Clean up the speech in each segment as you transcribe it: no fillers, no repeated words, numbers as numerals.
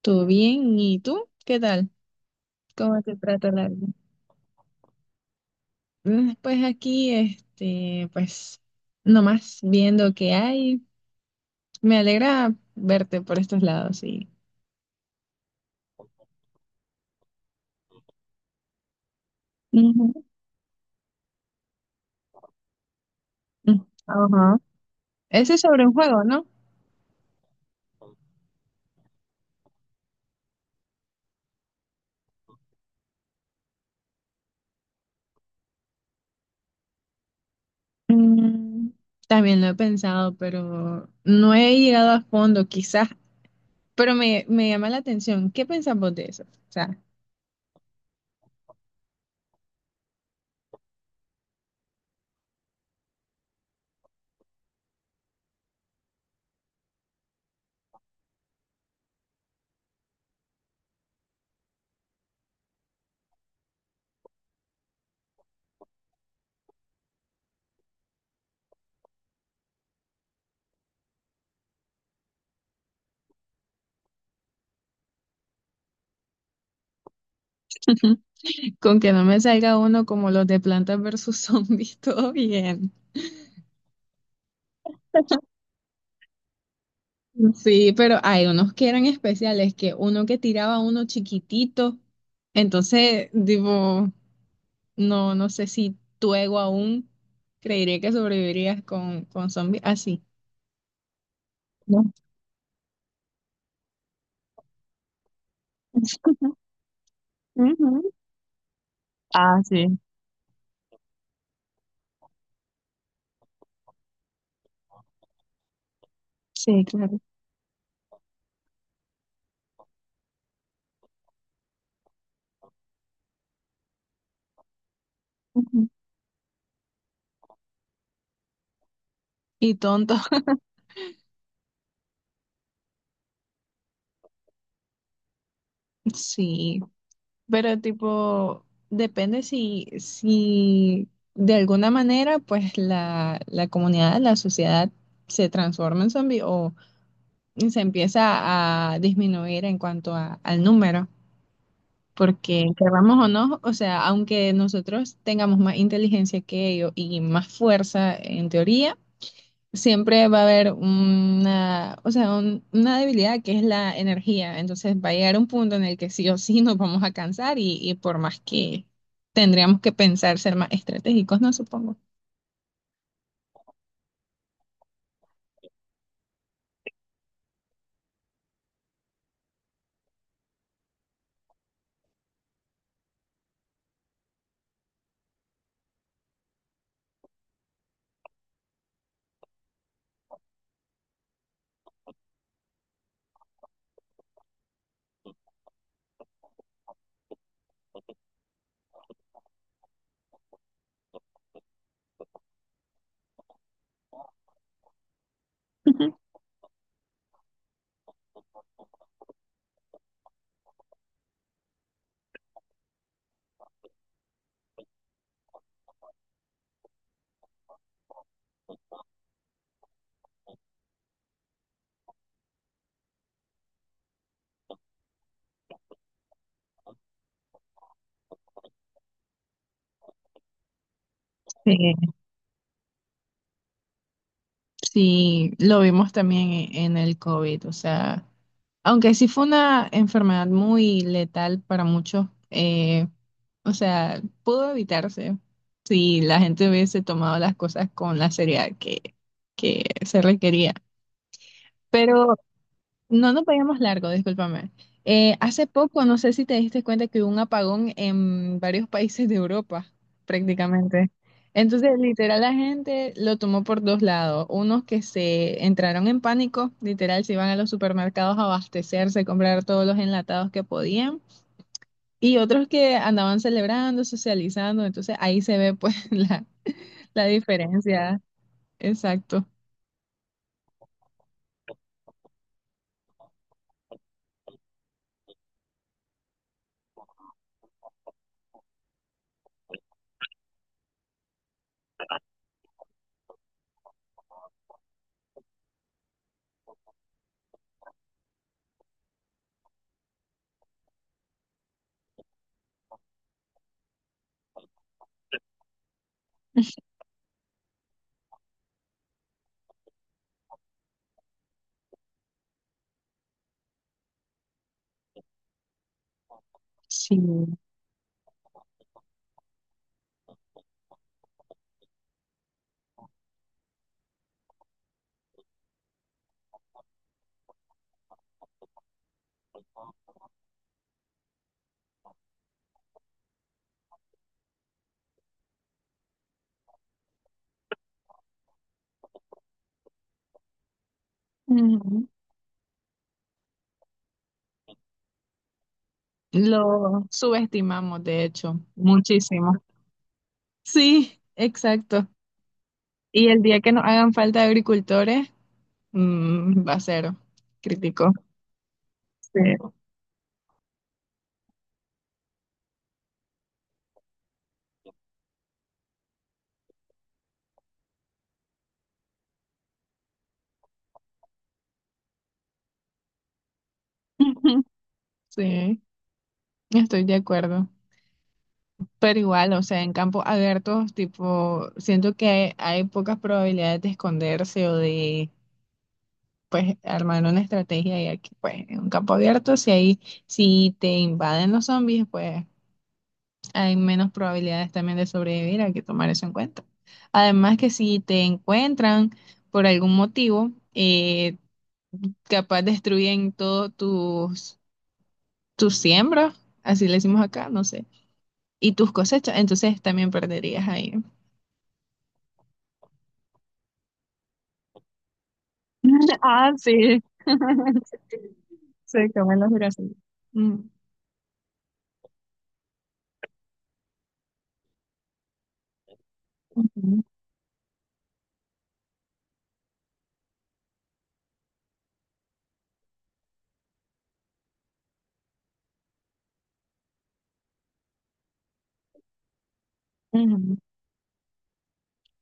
Todo bien, ¿y tú? ¿Qué tal? ¿Cómo te trata la vida? Pues aquí, pues, nomás viendo qué hay. Me alegra verte por estos lados, sí. Ujú. Mm. Ajá. ¿Ese es sobre un juego, no? Mm, también lo he pensado, pero no he llegado a fondo, quizás. Pero me llama la atención. ¿Qué pensamos de eso? O sea, con que no me salga uno como los de Plantas versus Zombies, todo bien. Sí, pero hay unos que eran especiales, que uno que tiraba uno chiquitito, entonces, digo, no sé si tu ego aún creería que sobrevivirías con zombies así. No. Ujú. Ah, sí, sí, claro. Ujú. Y tonto, sí, pero tipo, depende si de alguna manera, pues la comunidad, la sociedad se transforma en zombie, se empieza a disminuir en cuanto al número, porque queramos o no, o sea, aunque nosotros tengamos más inteligencia que ellos y más fuerza en teoría, siempre va a haber una, o sea, una debilidad que es la energía. Entonces va a llegar un punto en el que sí o sí nos vamos a cansar y por más que tendríamos que pensar ser más estratégicos, ¿no? Supongo. Sí, sí, lo vimos también en el COVID, o sea. Aunque sí fue una enfermedad muy letal para muchos, o sea, pudo evitarse si la gente hubiese tomado las cosas con la seriedad que se requería. Pero no nos veíamos largo, discúlpame. Hace poco, no sé si te diste cuenta que hubo un apagón en varios países de Europa, prácticamente. Entonces, literal, la gente lo tomó por dos lados. Unos que se entraron en pánico, literal, se iban a los supermercados a abastecerse, comprar todos los enlatados que podían. Y otros que andaban celebrando, socializando. Entonces, ahí se ve pues la diferencia. Exacto. Sí. Lo subestimamos, de hecho, muchísimo. Sí, exacto. Y el día que nos hagan falta agricultores, mm, va a ser crítico. Sí. Sí, estoy de acuerdo. Pero igual, o sea, en campos abiertos, tipo, siento que hay pocas probabilidades de esconderse o de, pues, armar una estrategia. Y aquí, pues, en un campo abierto, si ahí, si te invaden los zombies, pues, hay menos probabilidades también de sobrevivir, hay que tomar eso en cuenta. Además que si te encuentran por algún motivo, capaz destruyen todos tus, tus siembras, así le decimos acá, no sé, y tus cosechas, entonces también perderías ahí. Ah, sí. Se comen los girasoles. Mm. Ujú.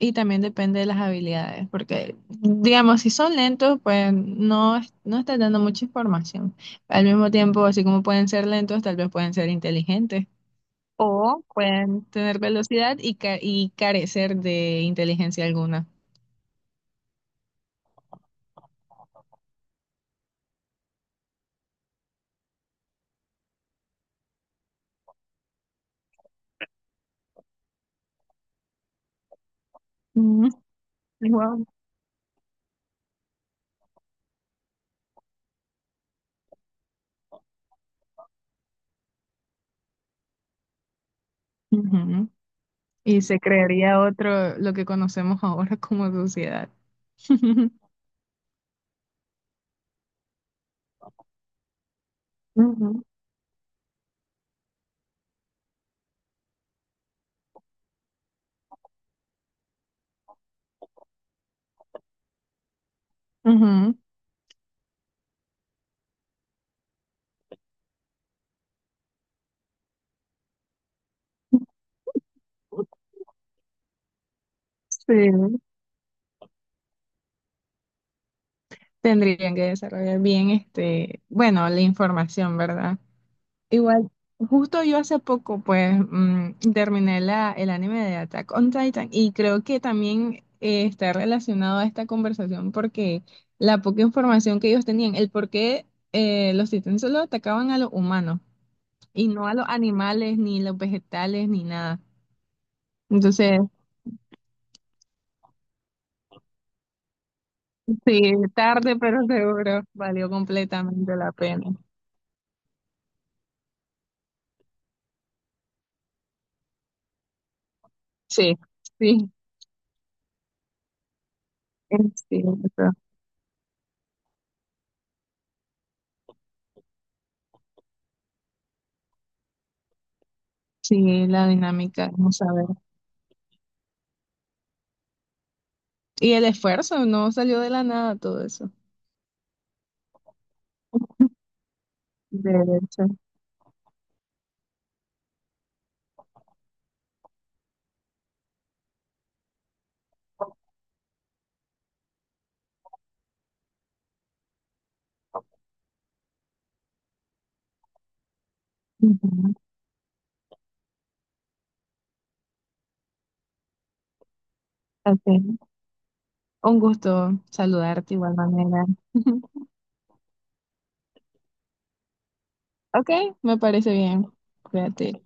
Y también depende de las habilidades, porque digamos, si son lentos, pues no, no estás dando mucha información. Al mismo tiempo, así como pueden ser lentos, tal vez pueden ser inteligentes o pueden tener velocidad y, y carecer de inteligencia alguna. Mm, wow. Ujú. Y se crearía otro, lo que conocemos ahora como sociedad. Ujú, ujú. Sí. Tendrían que desarrollar bien este, bueno, la información, ¿verdad? Igual, justo yo hace poco, pues, mm, terminé la, el anime de Attack on Titan y creo que también está relacionado a esta conversación porque la poca información que ellos tenían, el por qué los titanes solo atacaban a los humanos y no a los animales, ni los vegetales, ni nada. Entonces, sí, tarde, pero seguro, valió completamente la pena. Sí, sí, eh, sí, sí, la dinámica, vamos a ver. Y el esfuerzo, no salió de la nada todo eso. De hecho. Ujú. Ok. Un gusto saludarte de igual manera. Ok, me parece bien. Cuídate.